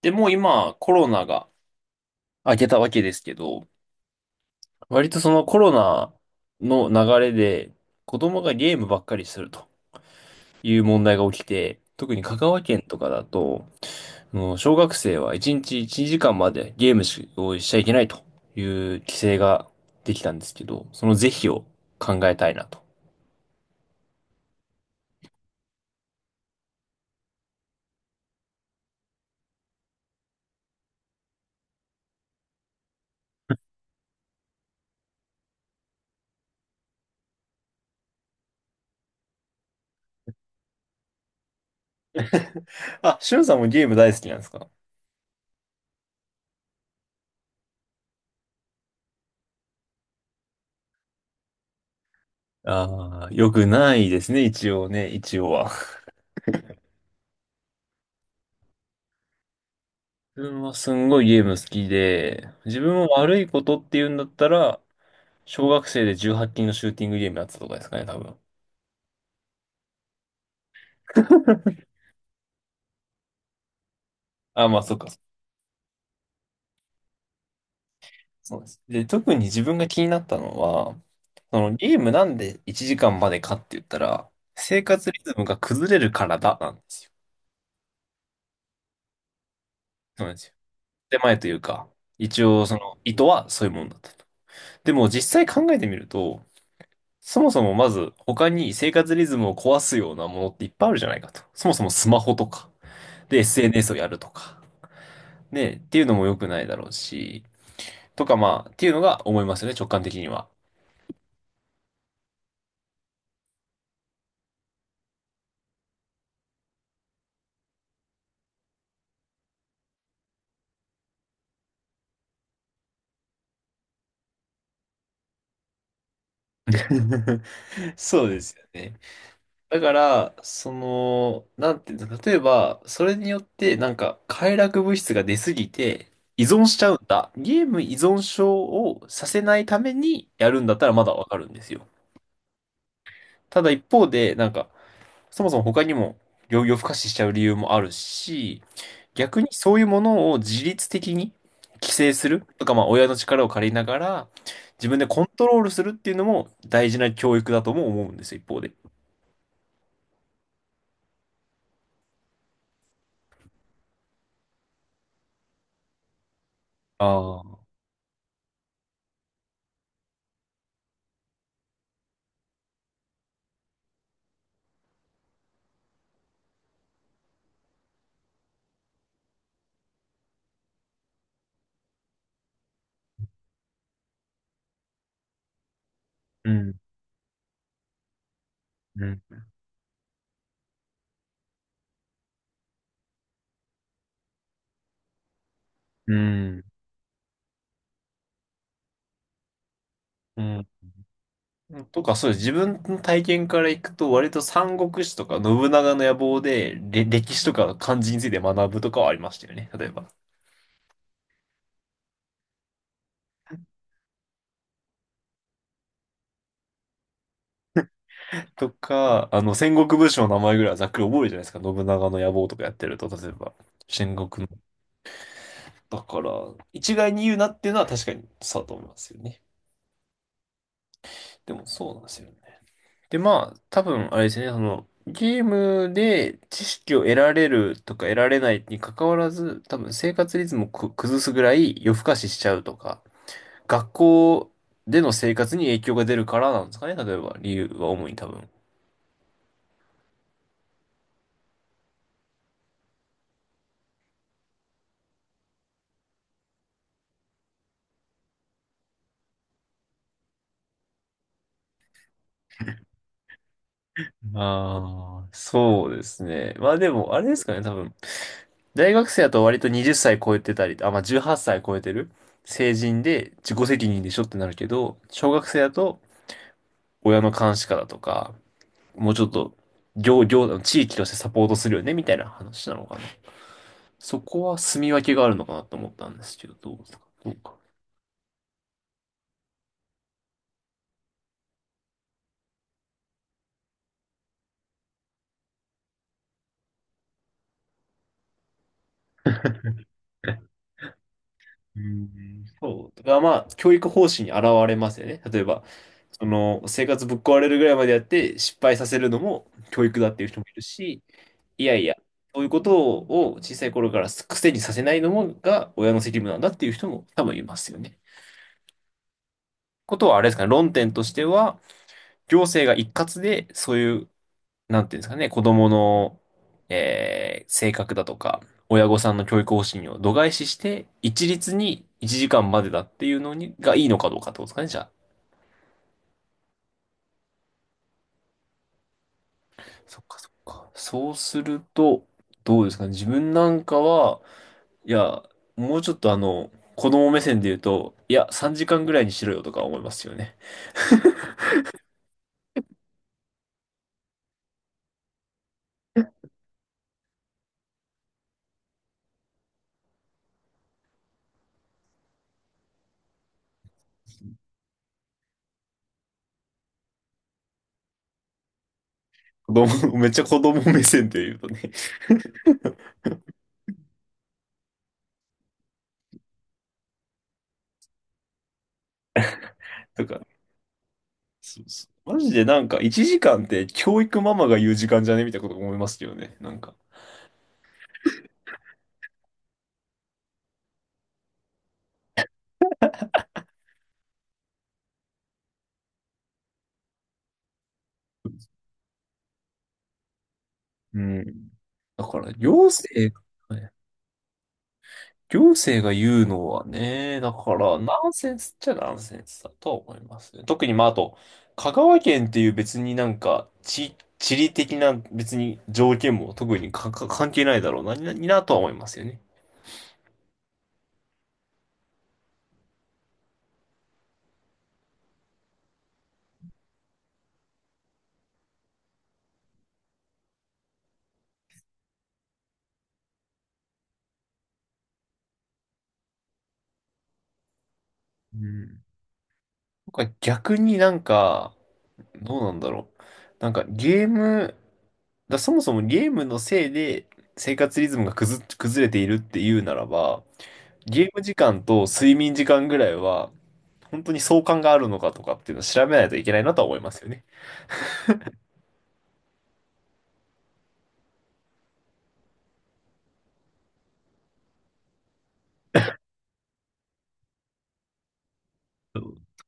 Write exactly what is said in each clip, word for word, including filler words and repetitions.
で、もう今コロナが明けたわけですけど、割とそのコロナの流れで子供がゲームばっかりするという問題が起きて、特に香川県とかだと、あの小学生はいちにちいちじかんまでゲームをしちゃいけないという規制是ができたんですけど、その是非を考えたいなと。あ、しゅんさんもゲーム大好きなんですか？ああー、よくないですね、一応ね、一応は。自分はすんごいゲーム好きで、自分も悪いことって言うんだったら、小学生でじゅうはち禁のシューティングゲームやってたとかですかね、多分。あ、まあ、そっか、そうです。で、特に自分が気になったのは、そのゲームなんでいちじかんまでかって言ったら、生活リズムが崩れるからだ、なんですよ。そうなんですよ。手前というか、一応その意図はそういうもんだったと。でも実際考えてみると、そもそもまず他に生活リズムを壊すようなものっていっぱいあるじゃないかと。そもそもスマホとか。で、エスエヌエス をやるとか。ね、っていうのも良くないだろうし、とかまあ、っていうのが思いますよね、直感的には。そうですよね。だから、その、なんていうの、例えば、それによって、なんか、快楽物質が出すぎて、依存しちゃうんだ。ゲーム依存症をさせないためにやるんだったらまだわかるんですよ。ただ一方で、なんか、そもそも他にも、病気を不可視しちゃう理由もあるし、逆にそういうものを自律的に規制するとか、まあ親の力を借りながら自分でコントロールするっていうのも大事な教育だとも思うんですよ、一方で。ああ、うん、うん、うん、うん。とか、そうです。自分の体験からいくと、割と三国志とか信長の野望で、れ歴史とか漢字について学ぶとかはありましたよね、例えば。とか、あの、戦国武将の名前ぐらいはざっくり覚えるじゃないですか。信長の野望とかやってると、例えば。戦国だから、一概に言うなっていうのは確かにそうだと思いますよね。でもそうなんですよね。で、まあ、多分、あれですね、その、ゲームで知識を得られるとか得られないに関わらず、多分生活リズムをく崩すぐらい夜更かししちゃうとか、学校での生活に影響が出るからなんですかね、例えば理由は主に多分。ああ、そうですね。まあでも、あれですかね、多分。大学生だと割とはたち超えてたり、あ、まあじゅうはっさい超えてる成人で自己責任でしょってなるけど、小学生だと親の監視下だとか、もうちょっと、行、行、地域としてサポートするよね、みたいな話なのかな。そこは住み分けがあるのかなと思ったんですけど、どうですか？どうか。うん、そう。だからまあ、教育方針に現れますよね。例えば、その、生活ぶっ壊れるぐらいまでやって失敗させるのも教育だっていう人もいるし、いやいや、そういうことを小さい頃から癖にさせないのもが親の責務なんだっていう人も多分いますよね。ことはあれですかね、論点としては、行政が一括でそういうなんていうんですかね、子供の、えー性格だとか、親御さんの教育方針を度外視して、一律にいちじかんまでだっていうのに、がいいのかどうかってことですかね、じゃあ。そっかそっか。そうすると、どうですかね、自分なんかは、いや、もうちょっとあの、子供目線で言うと、いや、さんじかんぐらいにしろよとか思いますよね。子供、めっちゃ子供目線で言うとね。なんか、そうそう。マジでなんかいちじかんって教育ママが言う時間じゃねみたいなこと思いますよね。なんか。うん。だから、行政、行政が言うのはね、だから、ナンセンスっちゃナンセンスだと思いますね。特に、まあ、あと、香川県っていう別になんか、地、地理的な別に条件も特にかか関係ないだろうな、な、な、とは思いますよね。うん。なんか逆になんか、どうなんだろう。なんかゲーム、だそもそもゲームのせいで生活リズムが崩、崩れているっていうならば、ゲーム時間と睡眠時間ぐらいは、本当に相関があるのかとかっていうのを調べないといけないなとは思いますよね。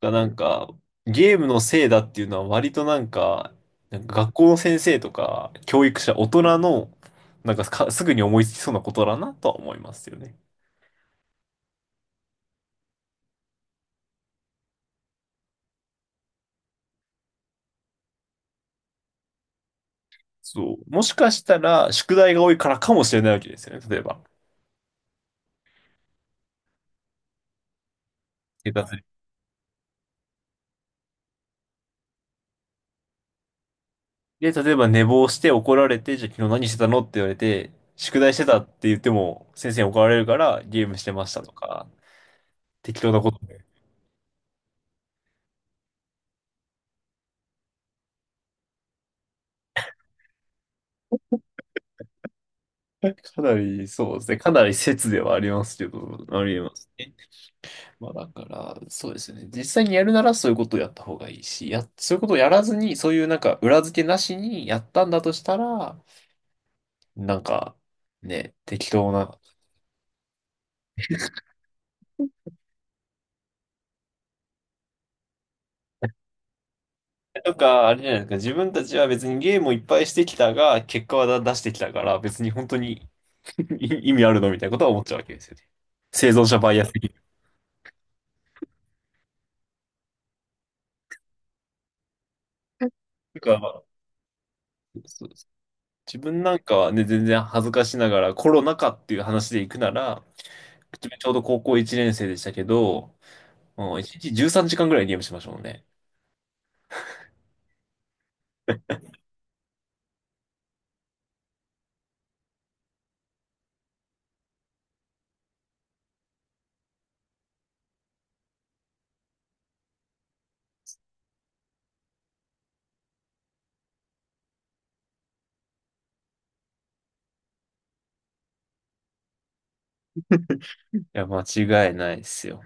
がなんか、ゲームのせいだっていうのは割となんか、なんか学校の先生とか教育者、大人の、なんかかすぐに思いつきそうなことだなとは思いますよね。そう。もしかしたら、宿題が多いからかもしれないわけですよね。例えば。下手するで、例えば寝坊して怒られて、じゃあ昨日何してたのって言われて、宿題してたって言っても、先生に怒られるからゲームしてましたとか、適当なことね。かなり、そうですね。かなり説ではありますけど、ありえますね。まあだから、そうですよね。実際にやるならそういうことをやった方がいいし、や、そういうことをやらずに、そういうなんか裏付けなしにやったんだとしたら、なんか、ね、適当な。とか、あれじゃないですか。自分たちは別にゲームをいっぱいしてきたが、結果は出してきたから、別に本当に 意味あるのみたいなことは思っちゃうわけですよね。生存者バイアス的な。とか、そう自分なんかはね、全然恥ずかしながらコロナ禍っていう話で行くなら、自分ちょうど高校いちねん生でしたけど、もういちにちじゅうさんじかんぐらいゲームしましたもんね。いや、間違いないですよ。